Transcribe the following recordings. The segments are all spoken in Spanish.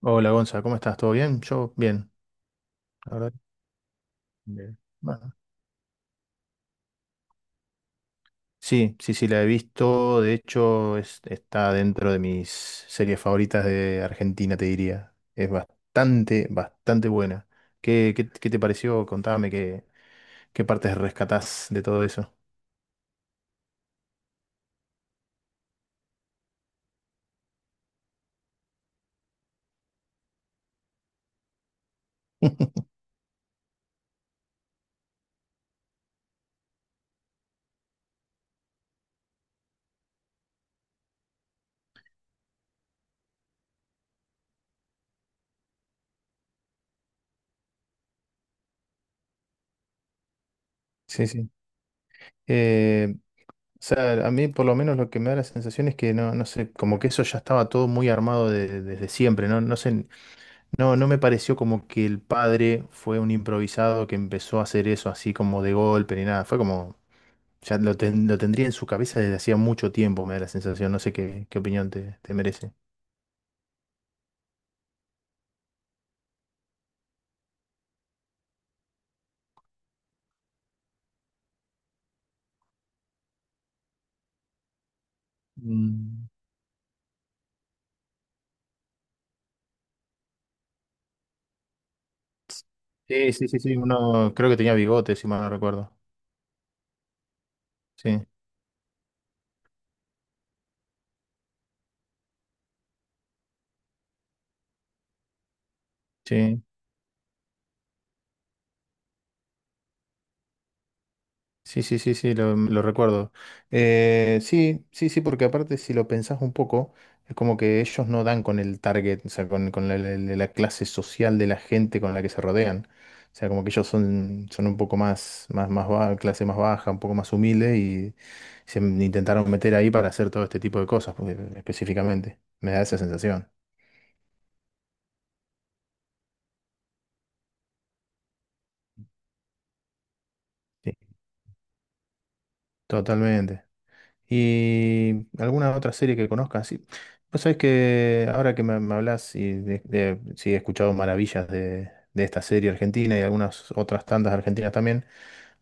Hola Gonza, ¿cómo estás? ¿Todo bien? Yo bien, la verdad. Bien. Bueno, sí, sí, sí, la he visto. De hecho, está dentro de mis series favoritas de Argentina, te diría. Es bastante, bastante buena. ¿Qué te pareció? Contame qué, qué partes rescatás de todo eso. Sí, sí. Eh, o sea, a mí por lo menos lo que me da la sensación es que no, no sé, como que eso ya estaba todo muy armado desde siempre, ¿no? No sé, no, no me pareció como que el padre fue un improvisado que empezó a hacer eso así como de golpe ni nada. Fue como, ya lo, lo tendría en su cabeza desde hacía mucho tiempo, me da la sensación. No sé qué, qué opinión te, te merece. Mm, sí, sí, sí, sí. Uno creo que tenía bigotes si mal no recuerdo. Sí, sí. Sí, sí, sí, sí, lo recuerdo. Sí, sí, sí, porque aparte si lo pensás un poco, es como que ellos no dan con el target, o sea, con la, la clase social de la gente con la que se rodean. O sea, como que ellos son, son un poco más, más, clase más baja, un poco más humilde y intentaron meter ahí para hacer todo este tipo de cosas, específicamente. Me da esa sensación. Sí, totalmente. ¿Y alguna otra serie que conozcas? Sí. Vos sabés que ahora que me hablas y de, sí, he escuchado maravillas de esta serie argentina y algunas otras tantas argentinas también,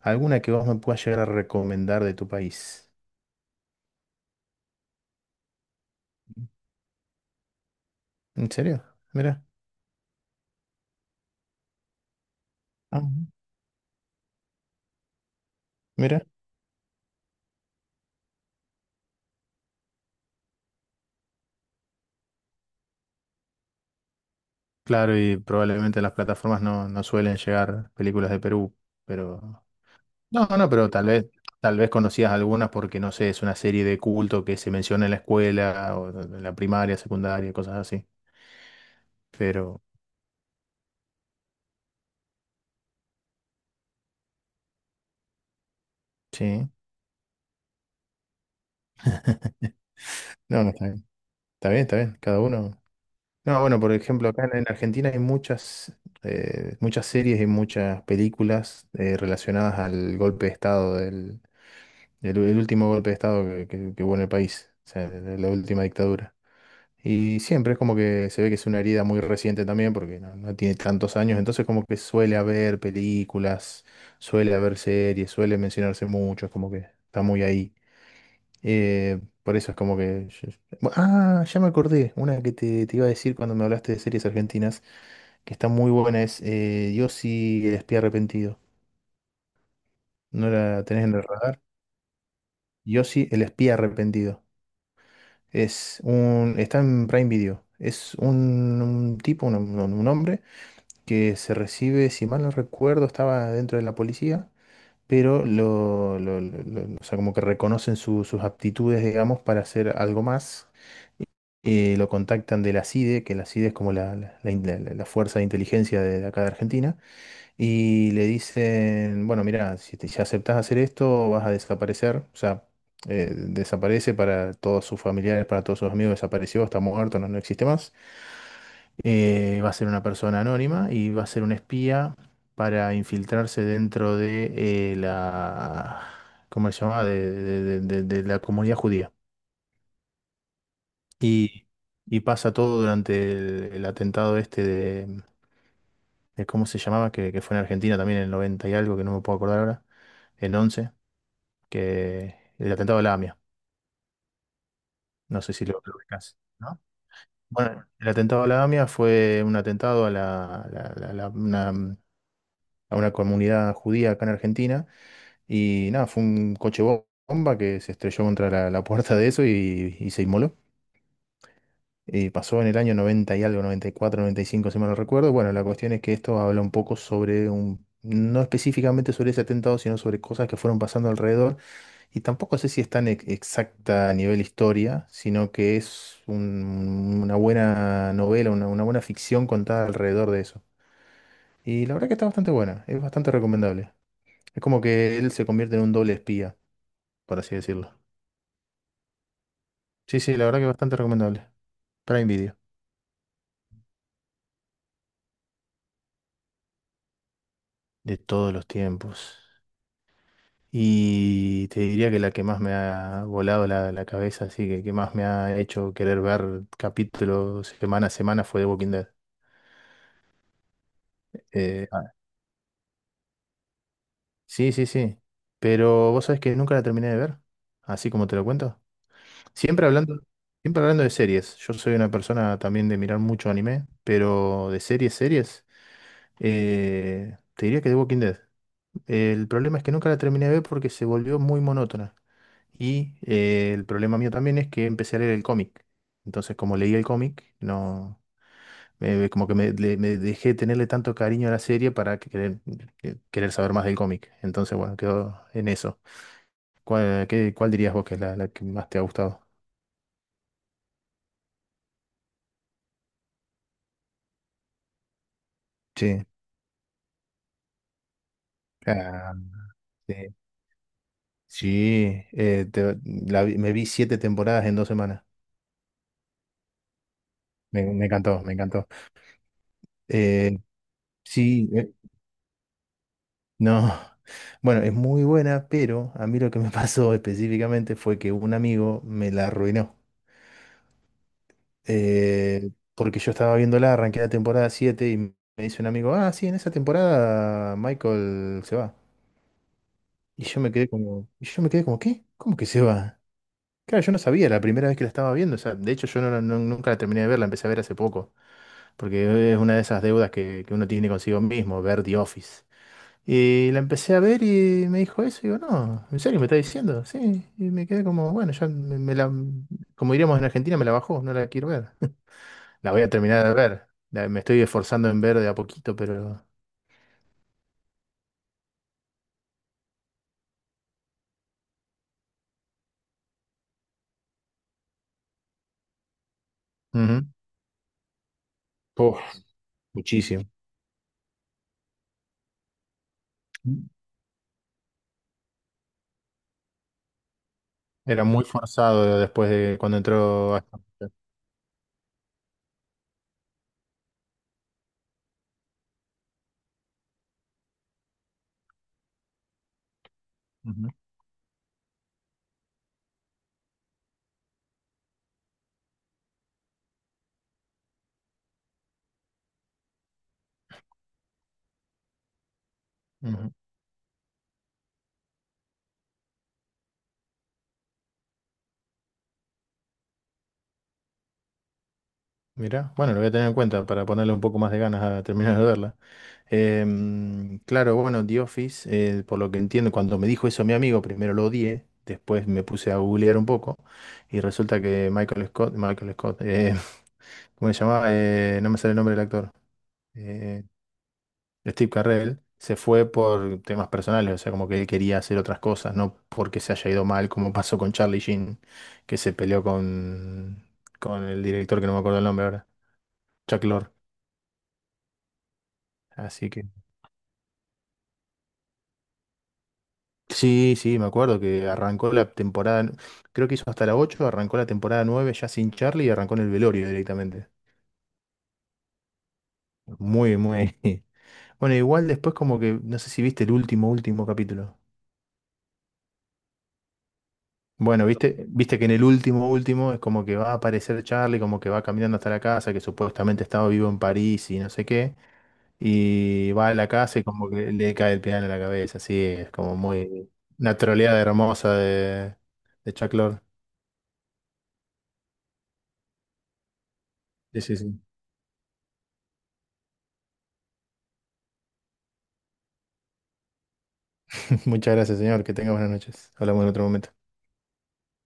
¿alguna que vos me puedas llegar a recomendar de tu país? ¿En serio? Mira. Ah, mira. Claro, y probablemente las plataformas no, no suelen llegar películas de Perú, pero... No, no, pero tal vez conocías algunas porque, no sé, es una serie de culto que se menciona en la escuela o en la primaria, secundaria, cosas así. Pero sí, no, no está bien. Está bien, está bien, cada uno. No, bueno, por ejemplo, acá en Argentina hay muchas, muchas series y muchas películas relacionadas al golpe de Estado, del, el último golpe de Estado que hubo en el país, o sea, de la última dictadura. Y siempre es como que se ve que es una herida muy reciente también, porque no, no tiene tantos años, entonces como que suele haber películas, suele haber series, suele mencionarse mucho, es como que está muy ahí. Por eso es como que... ya me acordé. Una que te iba a decir cuando me hablaste de series argentinas, que está muy buena, es Yossi el espía arrepentido. ¿No la tenés en el radar? Yossi el espía arrepentido. Es un, está en Prime Video. Es un tipo, un, un hombre, que se recibe, si mal no recuerdo, estaba dentro de la policía, pero lo, o sea, como que reconocen sus aptitudes, digamos, para hacer algo más, lo contactan de la CIDE, que la CIDE es como la, la fuerza de inteligencia de acá de Argentina, y le dicen, bueno, mira, si te, ya aceptás hacer esto, vas a desaparecer, o sea, desaparece para todos sus familiares, para todos sus amigos, desapareció, está muerto, no, no existe más. Va a ser una persona anónima y va a ser un espía para infiltrarse dentro de la, ¿cómo se llama?, de de la comunidad judía. Y, y pasa todo durante el atentado este de, ¿cómo se llamaba? Que fue en Argentina también en el 90 y algo, que no me puedo acordar ahora, el 11, que el atentado a la AMIA, no sé si lo, lo ubicás, ¿no? Bueno, el atentado a la AMIA fue un atentado a, la, una, a una comunidad judía acá en Argentina y nada, fue un coche bomba que se estrelló contra la, la puerta de eso y se inmoló. Pasó en el año 90 y algo, noventa, noventa y cuatro, noventa y cinco si mal no recuerdo. Bueno, la cuestión es que esto habla un poco sobre un, no específicamente sobre ese atentado, sino sobre cosas que fueron pasando alrededor. Y tampoco sé si es tan exacta a nivel historia, sino que es una buena novela, una buena ficción contada alrededor de eso. Y la verdad que está bastante buena, es bastante recomendable. Es como que él se convierte en un doble espía, por así decirlo. Sí, sí, la verdad que es bastante recomendable. Prime Video, de todos los tiempos. Y te diría que la que más me ha volado la, la cabeza, así que más me ha hecho querer ver capítulos semana a semana fue The Walking Dead. Eh, Ah. Sí, sí, sí. Pero vos sabés que nunca la terminé de ver, así como te lo cuento. Siempre hablando, siempre hablando de series. Yo soy una persona también de mirar mucho anime, pero de series, series, te diría que The Walking Dead. El problema es que nunca la terminé de ver porque se volvió muy monótona. Y el problema mío también es que empecé a leer el cómic. Entonces, como leí el cómic, no, como que me, me dejé tenerle tanto cariño a la serie para que querer, querer saber más del cómic. Entonces, bueno, quedó en eso. ¿Cuál dirías vos que es la, la que más te ha gustado? Sí. Ah, sí. Sí, la me vi 7 temporadas en 2 semanas. Me, me encantó, me encantó. Eh, sí. No, bueno, es muy buena, pero a mí lo que me pasó específicamente fue que un amigo me la arruinó. Eh, Porque yo estaba viéndola, arranqué la temporada 7 y me dice un amigo, ah, sí, en esa temporada Michael se va. Y yo me quedé como, y yo me quedé como, ¿qué? ¿Cómo que se va? Claro, yo no sabía, la primera vez que la estaba viendo, o sea, de hecho yo no, nunca la terminé de ver, la empecé a ver hace poco, porque es una de esas deudas que uno tiene consigo mismo, ver The Office. Y la empecé a ver y me dijo eso. Y digo, no, ¿en serio me está diciendo? Sí. Y me quedé como, bueno, ya me la, como diríamos en Argentina, me la bajó, no la quiero ver. La voy a terminar de ver. Me estoy esforzando en ver de a poquito, pero... Ujú. Uf, muchísimo. Era muy forzado después de cuando entró... Ashton Kutcher. Ujú, ujú. Mira, bueno, lo voy a tener en cuenta para ponerle un poco más de ganas a terminar de verla. Claro, bueno, The Office, por lo que entiendo, cuando me dijo eso mi amigo, primero lo odié, después me puse a googlear un poco y resulta que Michael Scott, Michael Scott, ¿cómo se llamaba? No me sale el nombre del actor. Eh, Steve Carell se fue por temas personales, o sea, como que él quería hacer otras cosas, no porque se haya ido mal, como pasó con Charlie Sheen, que se peleó con el director que no me acuerdo el nombre ahora, Chuck Lorre. Así que sí, sí, me acuerdo que arrancó la temporada, creo que hizo hasta la 8, arrancó la temporada 9 ya sin Charlie y arrancó en el velorio directamente. Muy, muy. Bueno, igual después como que, no sé si viste el último, último capítulo. Bueno, viste, viste que en el último, último es como que va a aparecer Charlie, como que va caminando hasta la casa, que supuestamente estaba vivo en París y no sé qué, y va a la casa y como que le cae el piano en la cabeza, así es como muy, una troleada hermosa de Chuck Lorre. Sí, sí, sí. Muchas gracias, señor. Que tenga buenas noches. Hablamos en otro momento.